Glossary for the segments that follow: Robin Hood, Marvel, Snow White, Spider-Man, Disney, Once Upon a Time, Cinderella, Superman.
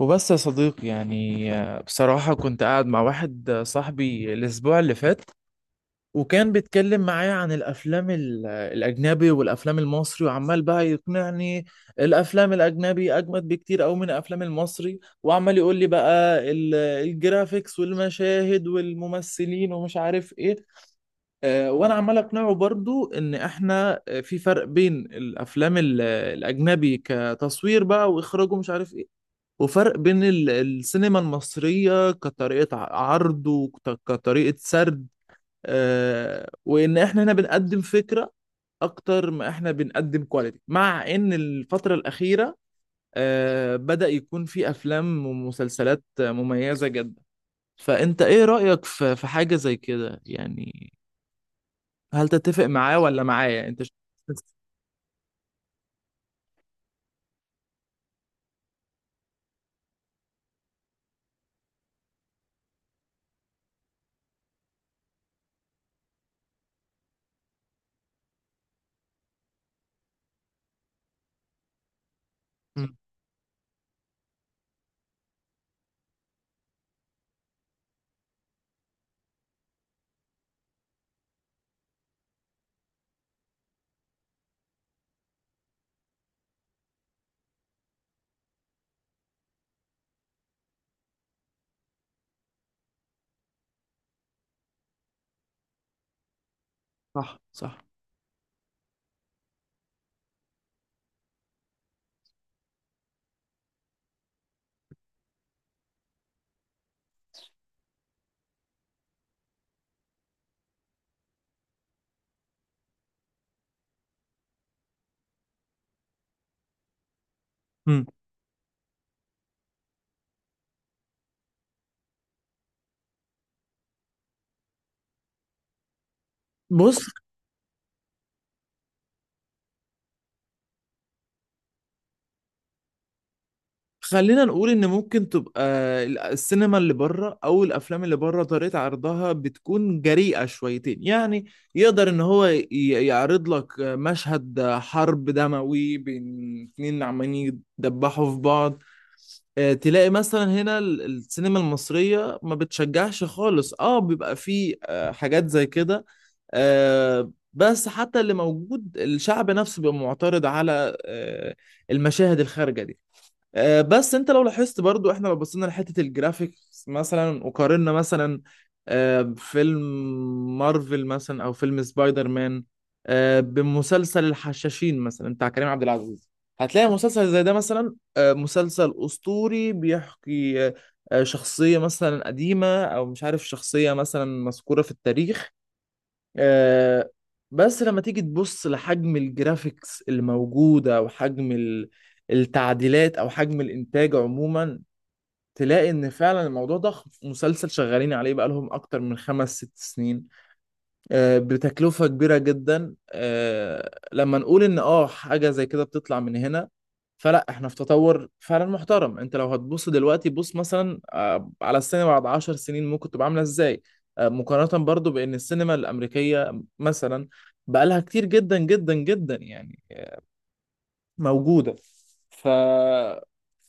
وبس يا صديقي يعني بصراحة كنت قاعد مع واحد صاحبي الأسبوع اللي فات. وكان بيتكلم معايا عن الأفلام الأجنبي والأفلام المصري، وعمال بقى يقنعني الأفلام الأجنبي أجمد بكتير أوي من الأفلام المصري، وعمال يقول لي بقى الجرافيكس والمشاهد والممثلين ومش عارف إيه. وأنا عمال أقنعه برضو إن إحنا في فرق بين الأفلام الأجنبي كتصوير بقى وإخراج ومش عارف إيه، وفرق بين السينما المصرية كطريقة عرض وكطريقة سرد. وإن إحنا هنا بنقدم فكرة أكتر ما إحنا بنقدم كواليتي، مع إن الفترة الأخيرة بدأ يكون في أفلام ومسلسلات مميزة جدا. فأنت إيه رأيك في حاجة زي كده يعني؟ هل تتفق معاه ولا معايا أنت مم. صح، صح. مم. بص، خلينا نقول ان ممكن تبقى السينما اللي بره او الافلام اللي بره، طريقة عرضها بتكون جريئة شويتين يعني، يقدر ان هو يعرض لك مشهد حرب دموي بين اتنين عمالين يدبحوا في بعض. تلاقي مثلا هنا السينما المصرية ما بتشجعش خالص، اه، بيبقى فيه حاجات زي كده. بس حتى اللي موجود الشعب نفسه بيبقى معترض على المشاهد الخارجة دي. بس انت لو لاحظت برضو، احنا لو بصينا لحتة الجرافيكس مثلا وقارنا مثلا بفيلم مارفل مثلا او فيلم سبايدر مان، بمسلسل الحشاشين مثلا بتاع كريم عبد العزيز، هتلاقي مسلسل زي ده مثلا، مسلسل اسطوري بيحكي شخصية مثلا قديمة او مش عارف شخصية مثلا مذكورة في التاريخ. آه، بس لما تيجي تبص لحجم الجرافيكس اللي موجودة وحجم التعديلات أو حجم الإنتاج عموما، تلاقي إن فعلا الموضوع ضخم. مسلسل شغالين عليه بقالهم أكتر من خمس ست سنين، بتكلفة كبيرة جدا. لما نقول ان اه حاجة زي كده بتطلع من هنا، فلا احنا في تطور فعلا محترم. انت لو هتبص دلوقتي بص مثلا على السينما بعد 10 سنين ممكن تبقى عاملة ازاي، مقارنة برضو بان السينما الامريكية مثلا بقالها كتير جدا جدا جدا يعني موجودة. ف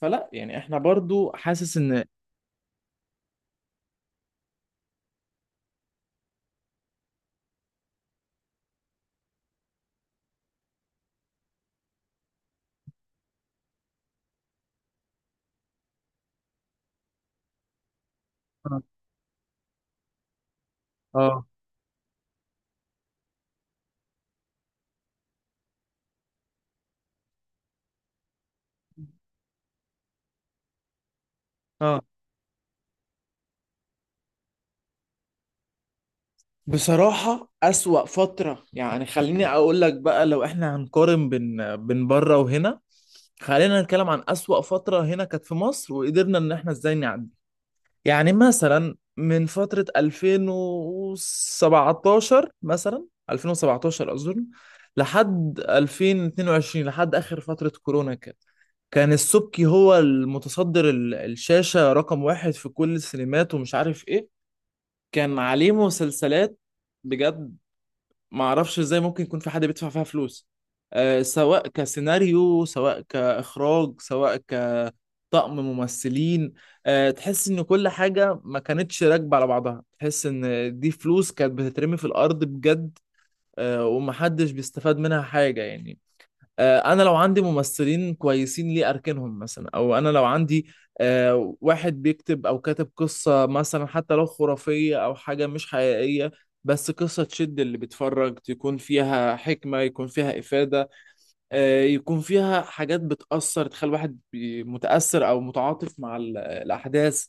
فلا يعني احنا برضو حاسس ان اه، اه، بصراحة أسوأ فترة يعني. خليني أقول لك بقى، لو إحنا هنقارن بين بين بره وهنا، خلينا نتكلم عن أسوأ فترة هنا كانت في مصر وقدرنا إن إحنا إزاي نعدي. يعني مثلا من فترة 2017، مثلا 2017 أظن، لحد 2022، لحد آخر فترة كورونا كده، كان السبكي هو المتصدر الشاشة رقم واحد في كل السينمات ومش عارف إيه. كان عليه مسلسلات، بجد ما اعرفش ازاي ممكن يكون في حد بيدفع فيها فلوس، سواء كسيناريو سواء كاخراج سواء كطقم ممثلين. تحس ان كل حاجه ما كانتش راكبه على بعضها، تحس ان دي فلوس كانت بتترمي في الارض بجد. ومحدش بيستفاد منها حاجه يعني. انا لو عندي ممثلين كويسين ليه اركنهم مثلا؟ او انا لو عندي واحد بيكتب او كاتب قصة مثلا، حتى لو خرافية او حاجة مش حقيقية، بس قصة تشد اللي بيتفرج، تكون فيها حكمة، يكون فيها إفادة، يكون فيها حاجات بتأثر، تخلي الواحد متأثر أو متعاطف مع الأحداث.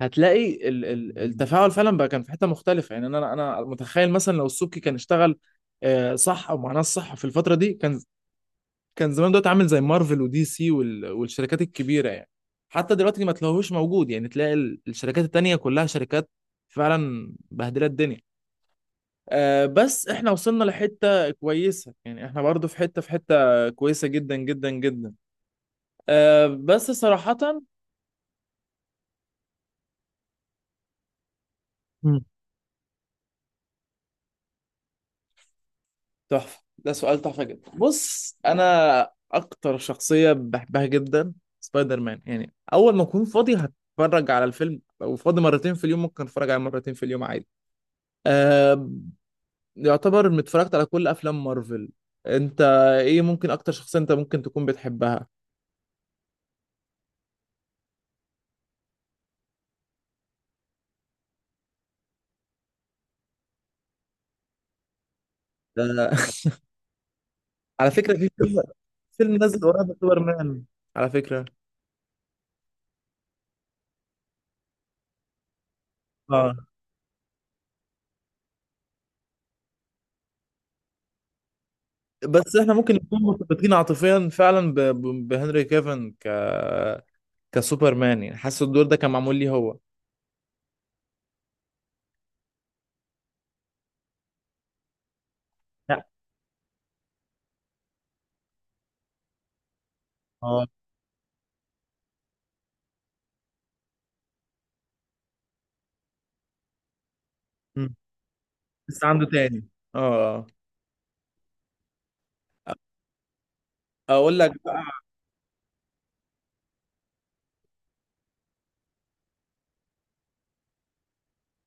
هتلاقي التفاعل فعلا بقى كان في حتة مختلفة يعني. أنا متخيل مثلا لو السبكي كان اشتغل صح او مع ناس صح في الفتره دي، كان زمان دلوقتي عامل زي مارفل ودي سي والشركات الكبيره يعني. حتى دلوقتي ما تلاقوهوش موجود يعني، تلاقي الشركات التانية كلها شركات فعلا بهدلة الدنيا. بس احنا وصلنا لحتة كويسة يعني، احنا برضو في حتة كويسة جدا جدا جدا، بس صراحة. مم. تحفة، ده سؤال تحفة جدا. بص، أنا أكتر شخصية بحبها جدا سبايدر مان. يعني أول ما أكون فاضي هتفرج على الفيلم، لو فاضي مرتين في اليوم ممكن أتفرج عليه مرتين في اليوم عادي. آه يعتبر اتفرجت على كل افلام مارفل. انت ايه، ممكن اكتر شخصية انت ممكن تكون بتحبها؟ آه على فكرة في فيلم، نزل قريب سوبرمان على فكرة. اه، بس احنا ممكن نكون مرتبطين عاطفيا فعلا بهنري كيفن كسوبرمان، يعني حاسس الدور ده كان معمول ليه هو. لا، اه. مم. لسه عنده تاني. اه، اقول لك بقى.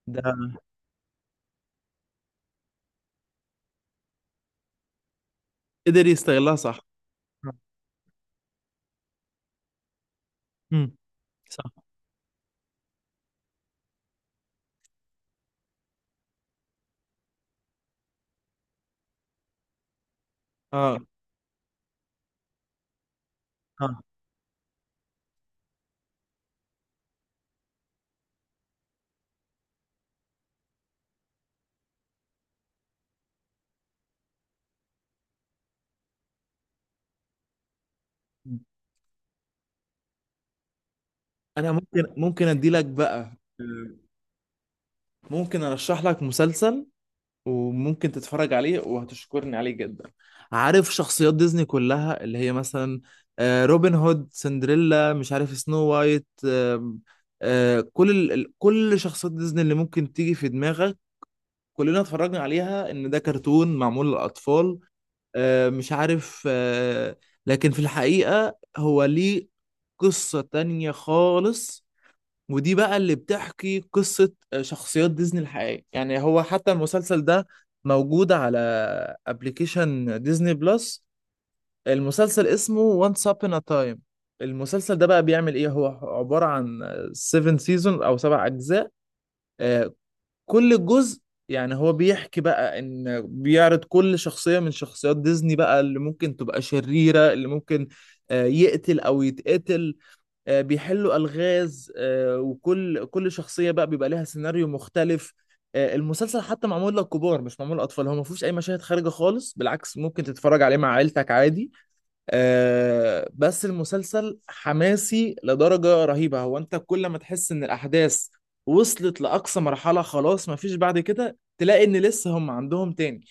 ده قدر يستغلها صح. مم. صح، اه، اه، انا ممكن ادي لك بقى، ممكن ارشح لك مسلسل وممكن تتفرج عليه وهتشكرني عليه جدا. عارف شخصيات ديزني كلها اللي هي مثلا روبن هود، سندريلا، مش عارف سنو وايت، آم، آه، كل كل شخصيات ديزني اللي ممكن تيجي في دماغك، كلنا اتفرجنا عليها ان ده كرتون معمول للاطفال، مش عارف، لكن في الحقيقة هو ليه قصة تانية خالص. ودي بقى اللي بتحكي قصة شخصيات ديزني الحقيقية، يعني هو حتى المسلسل ده موجود على ابلكيشن ديزني بلس. المسلسل اسمه Once Upon a Time. المسلسل ده بقى بيعمل ايه؟ هو عبارة عن 7 سيزون او سبع اجزاء. آه، كل جزء، يعني هو بيحكي بقى ان بيعرض كل شخصية من شخصيات ديزني بقى، اللي ممكن تبقى شريرة، اللي ممكن يقتل او يتقتل، بيحلوا ألغاز. وكل شخصية بقى بيبقى ليها سيناريو مختلف. المسلسل حتى معمول للكبار مش معمول للأطفال، هو ما فيهوش أي مشاهد خارجة خالص، بالعكس ممكن تتفرج عليه مع عيلتك عادي. بس المسلسل حماسي لدرجة رهيبة. هو أنت كل ما تحس إن الأحداث وصلت لأقصى مرحلة خلاص ما فيش بعد كده، تلاقي إن لسه هم عندهم تاني.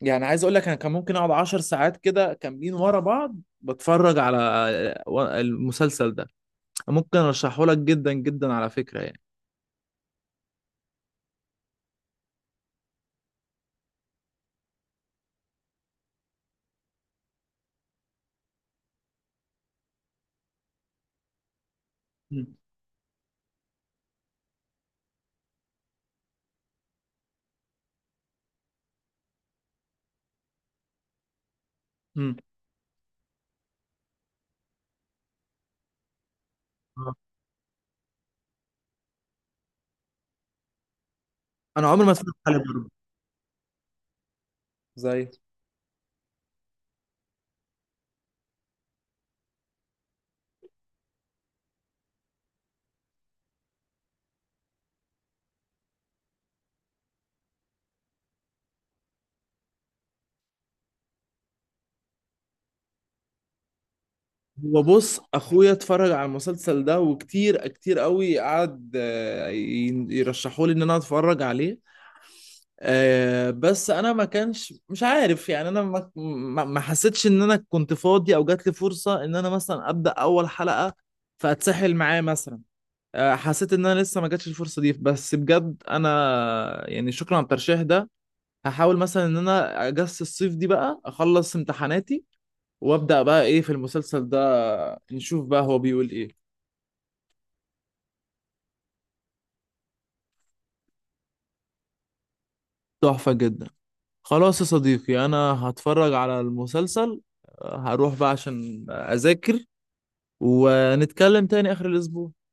يعني عايز أقول لك، أنا كان ممكن أقعد 10 ساعات كده كاملين ورا بعض بتفرج على المسلسل ده. ممكن ارشحه لك جدا جدا على فكره يعني. مم. مم. آه. انا عمري ما اتفرجت عليه برضه، زي، هو بص اخويا اتفرج على المسلسل ده وكتير كتير قوي قعد يرشحوا لي ان انا اتفرج عليه، بس انا ما كانش مش عارف، يعني انا ما حسيتش ان انا كنت فاضي او جات لي فرصة ان انا مثلا ابدا اول حلقة فاتسحل معاه مثلا. حسيت ان انا لسه ما جاتش الفرصة دي، بس بجد انا يعني شكرا على الترشيح ده. هحاول مثلا ان انا اجس الصيف دي بقى اخلص امتحاناتي، وابدا بقى ايه في المسلسل ده، نشوف بقى هو بيقول ايه. تحفة جدا. خلاص يا صديقي، انا هتفرج على المسلسل، هروح بقى عشان اذاكر، ونتكلم تاني اخر الاسبوع.